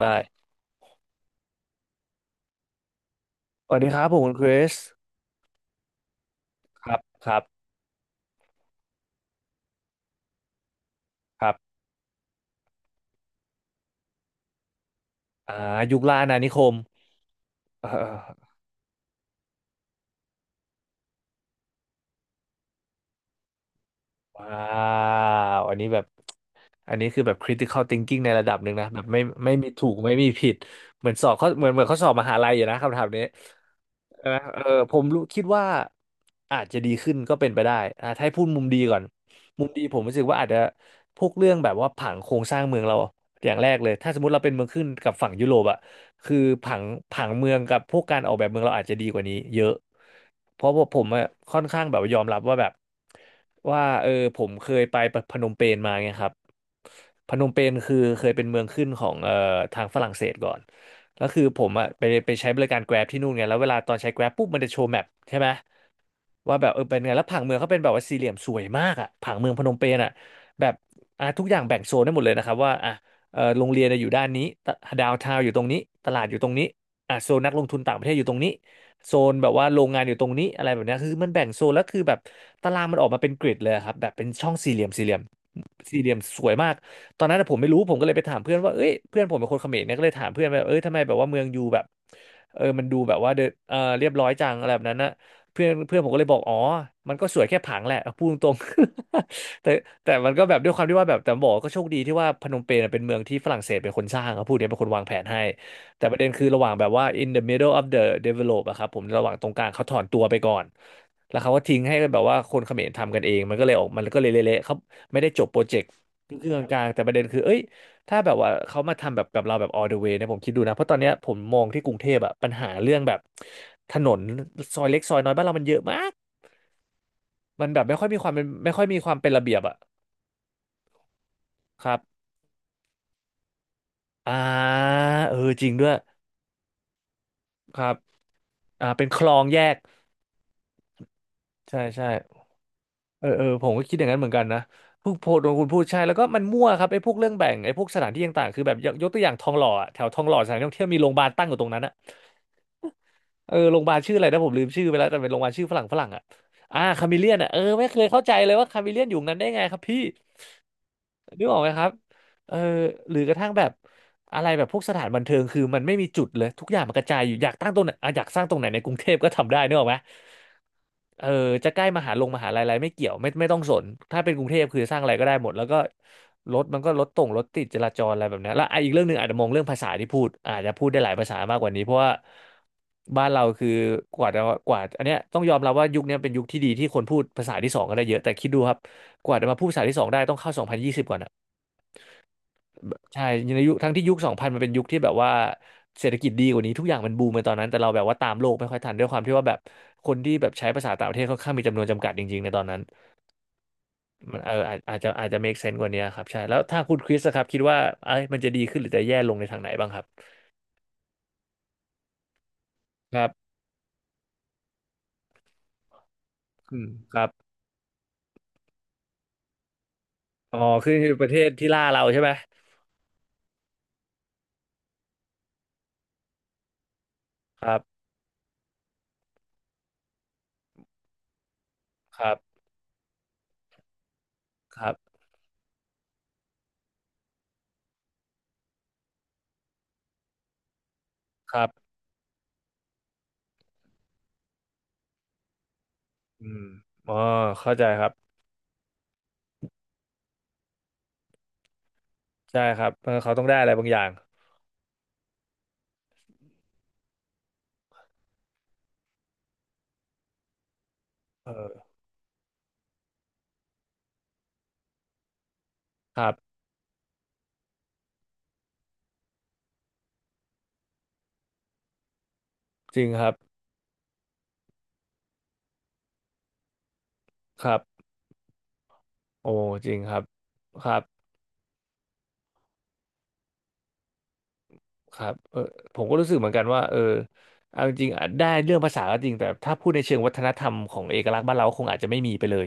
ได้สวัสดีครับผมคุณคริสครับครับครับอ่ายุคล่าอาณานิคมเออว้าวอันนี้คือแบบ critical thinking ในระดับหนึ่งนะแบบไม่มีถูกไม่มีผิดเหมือนสอบเขาเหมือนเขาสอบมหาลัยอยู่นะคำถามนี้นะเออผมรู้คิดว่าอาจจะดีขึ้นก็เป็นไปได้อ่ะถ้าให้พูดมุมดีก่อนมุมดีผมรู้สึกว่าอาจจะพวกเรื่องแบบว่าผังโครงสร้างเมืองเราอย่างแรกเลยถ้าสมมติเราเป็นเมืองขึ้นกับฝั่งยุโรปอะคือผังผังเมืองกับพวกการออกแบบเมืองเราอาจจะดีกว่านี้เยอะเพราะว่าผมอะค่อนข้างแบบยอมรับว่าแบบว่าเออผมเคยไปพนมเปญมาไงครับ พนมเปญคือเคยเป็นเมืองขึ้นของทางฝรั่งเศสก่อนแล้วคือผมอะไปใช้บริการ Grab ที่นู่นไงแล้วเวลาตอนใช้ Grab ปุ๊บมันจะโชว์แมปใช่ไหมว่าแบบเออเป็นไงแล้วผังเมืองเขาเป็นแบบว่าสี่เหลี่ยมสวยมากอะผังเมืองพนมเปญอะแบบอ่ะทุกอย่างแบ่งโซนได้หมดเลยนะครับว่าอ่ะเออโรงเรียนอะอยู่ด้านนี้ดาวทาวอยู่ตรงนี้ตลาดอยู่ตรงนี้อ่ะโซนนักลงทุนต่างประเทศอยู่ตรงนี้ โซนแบบว่าโรงงานอยู่ตรงนี้อะไรแบบเนี้ยคือมันแบ่งโซนแล้วคือแบบตารางมันออกมาเป็นกริดเลยครับแบบเป็นช่องสี่เหลี่ยมสี่เหลี่ยมสี่เหลี่ยมสวยมากตอนนั้นผมไม่รู้ผมก็เลยไปถามเพื่อนว่าเอ้ยเพื่อนผมเป็นคนเขมรเนี่ยก็เลยถามเพื่อนว่าเอ้ยทำไมแบบว่าเมืองยูแบบเออมันดูแบบว่าเดนเรียบร้อยจังอะไรแบบนั้นนะเพื่อนเพื่อนผมก็เลยบอกอ๋อมันก็สวยแค่ผังแหละพูดตรงๆ แต่แต่มันก็แบบด้วยความที่ว่าแบบแต่บอกก็โชคดีที่ว่าพนมเปญน่ะเป็นเมืองที่ฝรั่งเศสเป็นคนสร้างครับพูดเนี้ยเป็นคนวางแผนให้ แต่ประเด็นคือระหว่างแบบว่า in the middle of the develop อะครับผมระหว่างตรงกลางเขาถอนตัวไปก่อนแล้วเขาก็ทิ้งให้แบบว่าคนเขมรทำกันเองมันก็เลยออกมันก็เลยเละๆเขาไม่ได้จบโปรเจกต์ครึ่งๆกลางๆแต่ประเด็นคือเอ้ยถ้าแบบว่าเขามาทำแบบกับเราแบบ all the way เนี่ยผมคิดดูนะเพราะตอนเนี้ยผมมองที่กรุงเทพอะปัญหาเรื่องแบบถนนซอยเล็กซอยน้อยบ้านเรามันเยอะมากมันแบบไม่ค่อยมีความเป็นไม่ค่อยมีความเป็นระเบียบอะครับอ่าเออจริงด้วยครับอ่าเป็นคลองแยกใช่ใช่ เออเออผมก็คิดอย่างนั้นเหมือนกันนะเพิ่งโพสต์โดนคุณพูดใช่แล้วก็มันมั่วครับไอ้พวกเรื่องแบ่งไอ้พวกสถานที่ต่างๆคือแบบยกตัวอย่างทองหล่ออะแถวทองหล่อสถานที่ท่องเที่ยวมีโรงพยาบาลตั้งอยู่ตรงนั้นอะเออโรงพยาบาลชื่ออะไรนะผมลืมชื่อไปแล้วแต่เป็นโรงพยาบาลชื่อฝรั่งอะอ่าคาเมเลียนอะเออไม่เคยเข้าใจเลยว่าคาเมเลียนอยู่นั้นได้ไงครับพี่นึกออกไหมครับเออหรือกระทั่งแบบอะไรแบบพวกสถานบันเทิงคือมันไม่มีจุดเลยทุกอย่างมันกระจายอยู่อยากตั้งตรงไหนอ่ะอยากสร้างตรงไหนในกรุงเทพก็ทำได้นึกออกไหม เออจะใกล้มหาลัยอะไรไม่เกี่ยวไม่ต้องสนถ้าเป็นกรุงเทพคือสร้างอะไรก็ได้หมดแล้วก็รถมันก็รถติดจราจรอะไรแบบเนี้ยแล้วอ่ะอีกเรื่องหนึ่งอาจจะมองเรื่องภาษาที่พูดอาจจะพูดได้หลายภาษามากกว่านี้เพราะว่าบ้านเราคือกว่าจะกว่าอันเนี้ยต้องยอมรับว่ายุคเนี้ยเป็นยุคที่ดีที่คนพูดภาษาที่สองกันได้เยอะแต่คิดดูครับกว่าจะมาพูดภาษาที่สองได้ต้องเข้า2020ก่อนะ ใช่ในยุคทั้งที่ยุคสองพันมันเป็นยุคที่แบบว่าเศรษฐกิจดีกว่านี้ทุกอย่างมันบูมในตอนนั้นแต่เราแบบว่าตามโลกไม่ค่อยทันด้วยความที่ว่าแบบคนที่แบบใช้ภาษาต่างประเทศค่อนข้างมีจำนวนจำกัดจริงๆในตอนนั้นมันเอออาจจะ make sense กว่านี้ครับใช่แล้วถ้าคุณคริสอะครับคิดว่าเอ้ยมันจะดีขึ้นหรือจะแย่ลงในทางไหนบ้างครับครับอืมครับอ๋อคือประเทศที่ล่าเราใช่ไหมครับครับครับครับอืมอ๋อเข้าใจครับใช่ครับเออเขาต้องได้อะไรบางอย่างเออครับจริงครับครับ โอ้จริงครับครับครับเออผมก็รู้สึกเหมือนกันว่าเอาจริงๆอาจได้เรื่องภาษาก็จริงแต่ถ้าพูดในเชิงวัฒนธรรมของเอกลักษณ์บ้านเราคงอาจจะไม่มีไปเลย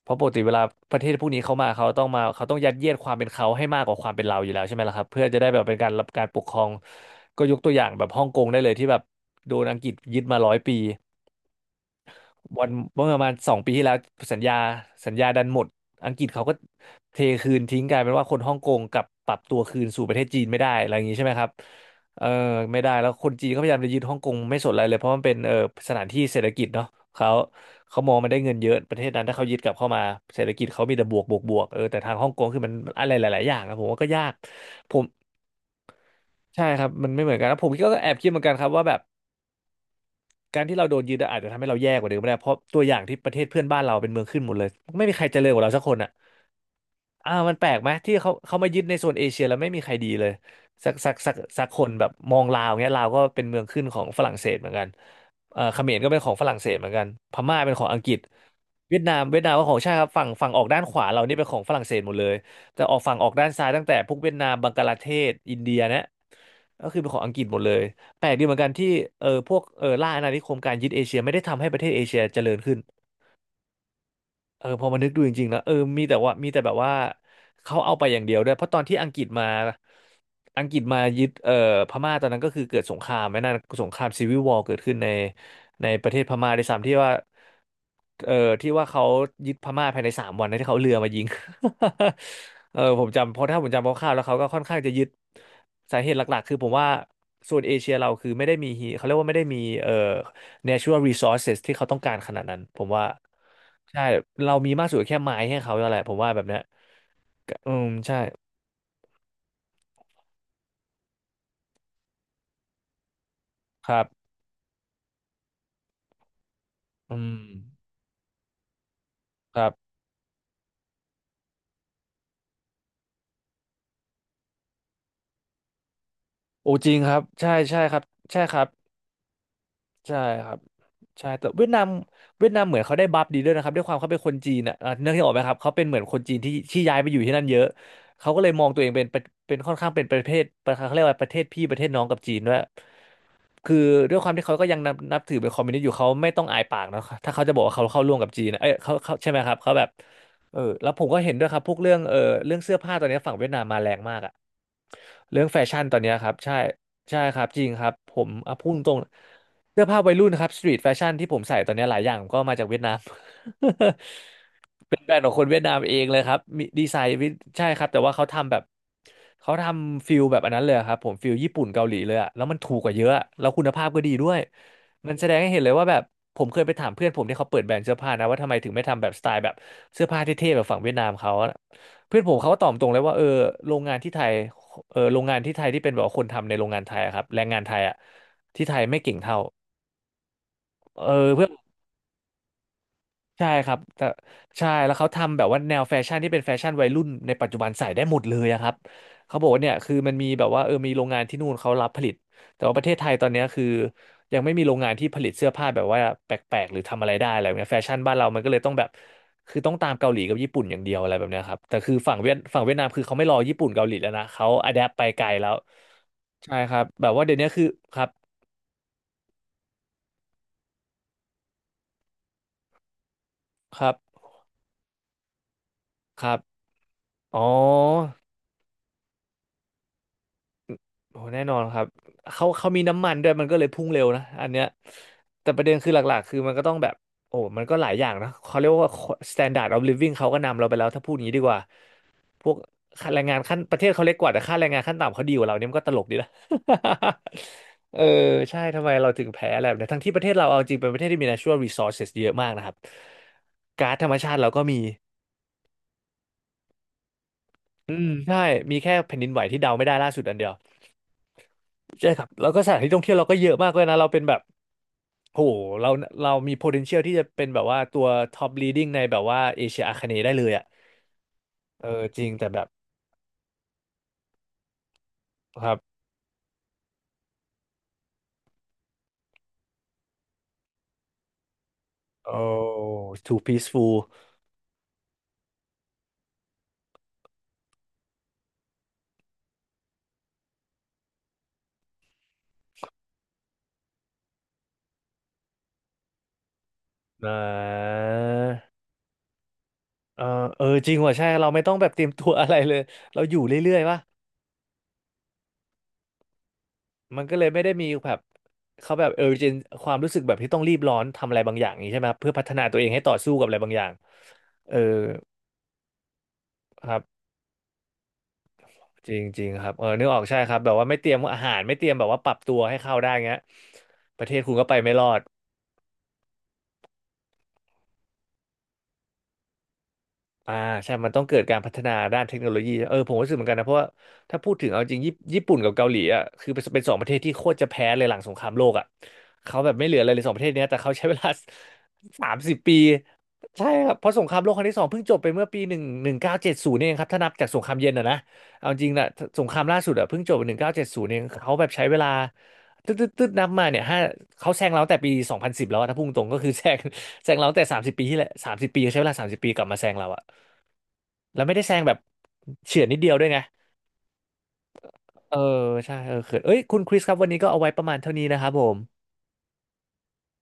เพราะปกติเวลาประเทศพวกนี้เขามาเขาต้องมาเขาต้องยัดเยียดความเป็นเขาให้มากกว่าความเป็นเราอยู่แล้วใช่ไหมล่ะครับเพื่อจะได้แบบเป็นการรับการปกครองก็ยกตัวอย่างแบบฮ่องกงได้เลยที่แบบโดนอังกฤษยึดมา100 ปี วันเมื่อประมาณ2 ปีที่แล้วสัญญาสัญญาดันหมดอังกฤษเขาก็เทคืนทิ้งกลายเป็นว่าคนฮ่องกงกลับปรับตัวคืนสู่ประเทศจีนไม่ได้อะไรอย่างนี้ใช่ไหมครับเออไม่ได้แล้วคนจีนเขาพยายามจะยึดฮ่องกงไม่สนอะไรเลยเพราะมันเป็นสถานที่เศรษฐกิจเนาะเขาเขามองมันได้เงินเยอะประเทศนั้นถ้าเขายึดกลับเข้ามาเศรษฐกิจเขามีแต่บวกบวกบวกแต่ทางฮ่องกงคือมันอะไรหลายๆอย่างอะผมว่าก็ยากผมใช่ครับมันไม่เหมือนกันแล้วผมก็แอบคิดเหมือนกันครับว่าแบบ การที่เราโดนยึดอะอาจจะทำให้เราแย่กว่าเดิมก็ได้เพราะตัวอย่างที่ประเทศเพื่อนบ้านเราเป็นเมืองขึ้นหมดเลยไม่มีใครเจริญกว่าเราสักคนอะ อ่ามันแปลกไหมที่เขามายึดในโซนเอเชียแล้วไม่มีใครดีเลยสักคนแบบมองลาวเงี้ยลาวก็เป็นเมืองขึ้นของฝรั่งเศสเหมือนกันเขมรก็เป็นของฝรั่งเศสเหมือนกันพม่าเป็นของอังกฤษเวียดนามก็ของใชาติครับฝั่งออกด้านขวาเรานี่เป็นของฝรั่งเศสหมดเลยแต่ออกฝั่งออกด้านซ้ายตั้งแต่พวกเวียดนามบังกลาเทศอินเดียเนี่ยก็คือเป็นของอังกฤษหมดเลยแปลกดีเหมือนกันที่พวกล่าอาณานิคมการยึดเอเชียไม่ได้ทำให้ประเทศเอเชียเจริญขึ้น เออพอมานึกดูจริงๆแล้วมีแต่ว่ามีแต่แบบว่าเขาเอาไปอย่างเดียวด้วยเพราะตอนที่อังกฤษมาอังกฤษมายึดพม่าตอนนั้นก็คือเกิดสงครามไหมนั่นสงครามซีวิลวอร์เกิดขึ้นในประเทศพม่าในสามที่ว่าเออที่ว่าเขายึดพม่าภายใน3 วันนะที่เขาเอาเรือมายิง เออผมจำเพราะถ้าผมจำคร่าวๆแล้วเขาก็ค่อนข้างจะยึดสาเหตุหลักๆคือผมว่าโซนเอเชียเราคือไม่ได้มีฮีเขาเรียกว่าไม่ได้มีnatural resources ที่เขาต้องการขนาดนั้นผมว่าใช่เรามีมากสุดแค่ไม้ให้เขาแล้วแหละผมว่าแบบเนี้ยอืมใช่ครับอืมครับโอ้จริงครับใช่ใช่ครับใช่ครับใช่ครับใช่แต่เวียดนามเหมือนเขาได้บัฟดีด้วยนะครับด้วยความเขาเป็นคนจีนอ่ะเนื่องที่ออกไหมครับเขาเป็นเหมือนคนจีนที่ที่ย้ายไปอยู่ที่นั่นเยอะเขาก็เลยมองตัวเองเป็นค่อนข้างเป็นประเทศประเขาเรียกว่าประเทศพี่ประเทศน้องกับจีนด้วย คือด้วยความที่เขาก็ยังนับถือเป็นคอมมิวนิสต์อยู่เขาไม่ต้องอายปากนะถ้าเขาจะบอกว่าเขาเข้าร่วมกับจีนนะเอ้ยเขาใช่ไหมครับเขาแบบเออแล้วผมก็เห็นด้วยครับพวกเรื่องเสื้อผ้าตอนนี้ฝั่งเวียดนามมาแรงมากอะ เรื่องแฟชั่นตอนเนี้ยครับใช่ใช่ครับจริงครับผมอ่ะพูดตรงๆเสื้อผ้าวัยรุ่นนะครับสตรีทแฟชั่นที่ผมใส่ตอนเนี้ยหลายอย่างก็มาจากเวียดนาม เป็นแบรนด์ของคนเวียดนามเองเลยครับมีดีไซน์วิใช่ครับแต่ว่าเขาทำแบบเขาทำฟิลแบบอันนั้นเลยครับผมฟิลญี่ปุ่นเกาหลีเลยอะแล้วมันถูกกว่าเยอะอะแล้วคุณภาพก็ดีด้วยมันแสดงให้เห็นเลยว่าแบบผมเคยไปถามเพื่อนผมที่เขาเปิดแบรนด์เสื้อผ้านะว่าทำไมถึงไม่ทำแบบสไตล์แบบเสื้อผ้าเท่ๆแบบฝั่งเวียดนามเขา เพื่อนผมเขาก็ตอบตรงเลยว่าเออโรงงานที่ไทยเออโรงงานที่ไทยที่เป็นแบบว่าคนทำในโรงงานไทยอะครับแรงงานไทยอ่ะที่ไทยไม่เก่งเท่าเออเพื่อน ใช่ครับแต่ใช่แล้วเขาทำแบบว่าแนวแฟชั่นที่เป็นแฟชั่นวัยรุ่นในปัจจุบันใส่ได้หมดเลยอะครับเขาบอกว่าเนี่ยคือมันมีแบบว่าเออมีโรงงานที่นู่นเขารับผลิตแต่ว่าประเทศไทยตอนเนี้ยคือยังไม่มีโรงงานที่ผลิตเสื้อผ้าแบบว่าแปลกๆหรือทำอะไรได้อะไรแบบเนี้ยแฟชั่นบ้านเรามันก็เลยต้องแบบคือต้องตามเกาหลีกับญี่ปุ่นอย่างเดียวอะไรแบบเนี้ยครับแต่คือฝั่งเวียดนามคือเขาไม่รอญี่ปุ่นเกาหลีแล้วนะเขาอะแดปไปไกลแล้วใช่ครับแบบว่าเดี๋ยวนี้คือครับครับครับอ๋อ โอ้แน่นอนครับเขามีน้ำมันด้วยมันก็เลยพุ่งเร็วนะอันเนี้ยแต่ประเด็นคือหลักๆคือมันก็ต้องแบบโอ้มันก็หลายอย่างนะเขาเรียกว่า standard of living เขาก็นำเราไปแล้วถ้าพูดอย่างนี้ดีกว่าพวกค่าแรงงานขั้นประเทศเขาเล็กกว่าแต่ค่าแรงงานขั้นต่ำเขาดีกว่าเราเนี่ยมันก็ตลกดีนะ เออใช่ทำไมเราถึงแพ้อะไรแบบนี้ทั้งที่ประเทศเราเอาจริงเป็นประเทศที่มี natural resources เยอะมากนะครับก๊าซธรรมชาติเราก็มีอืมใช่มีแค่แผ่นดินไหวที่เดาไม่ได้ล่าสุดอันเดียวใช่ครับแล้วก็สถานที่ท่องเที่ยวเราก็เยอะมากเลยนะเราเป็นแบบ โหเราเรามี potential ที่จะเป็นแบบว่าตัว top leading ในแบบว่าเอเชียอาคเนย์ได้เลยอ่ะเออจริงแต่แบบครับโอ้ too peaceful นะเออเออจริงว่ะใช่เราไม่ต้องแบบเตรียมตัวอะไรเลย เราอยู่เรื่อยๆวะมันก็เลยไม่ได้มีแบบเขาแบบเออเจนความรู้สึกแบบที่ต้องรีบร้อนทำอะไรบางอย่างอย่างนี้ใช่ไหมครับเพื่อพัฒนาตัวเองให้ต่อสู้กับอะไรบางอย่างเออครับ จริงจริงครับเออนึกออกใช่ครับแบบว่าไม่เตรียมอาหารไม่เตรียมแบบว่าปรับตัวให้เข้าได้เงี้ยประเทศคุณก็ไปไม่รอด อ่าใช่มันต้องเกิดการพัฒนาด้านเทคโนโลยีเออผมก็รู้สึกเหมือนกันนะเพราะว่าถ้าพูดถึงเอาจริงญี่ปุ่นกับเกาหลีอ่ะคือเป็นสองประเทศที่โคตรจะแพ้เลยหลังสงครามโลกอ่ะเขาแบบไม่เหลืออะไรเลยสองประเทศเนี้ยแต่เขาใช้เวลา สามสิบปีใช่ครับเพราะสงครามโลกครั้งที่สองเพิ่งจบไปเมื่อปีหนึ่งเก้าเจ็ดศูนย์เองครับถ้านับจากสงครามเย็นอ่ะนะเอาจริงนะสงครามล่าสุดอ่ะเพิ่งจบหนึ่งเก้าเจ็ดศูนย์เองเขาแบบใช้เวลาตึ๊ดตึ๊ดตึ๊ดนับมาเนี่ยห้าเขาแซงเราตั้งแต่ปี2010แล้วอะถ้าพุ่งตรงก็คือ แซงแซงเราตั้งแต่30 ปีที่แล้วสามสิบปีใช้เวลาสามสิบปีกลับมาแซงเราอะ แล้วไม่ได้แซงแบบเฉื่อนนิดเดียวด้วยไง เออใช่เออเขินเอ้ยคุณคริสครับวันนี้ก็เอาไว้ประมาณเท่านี้นะครับผม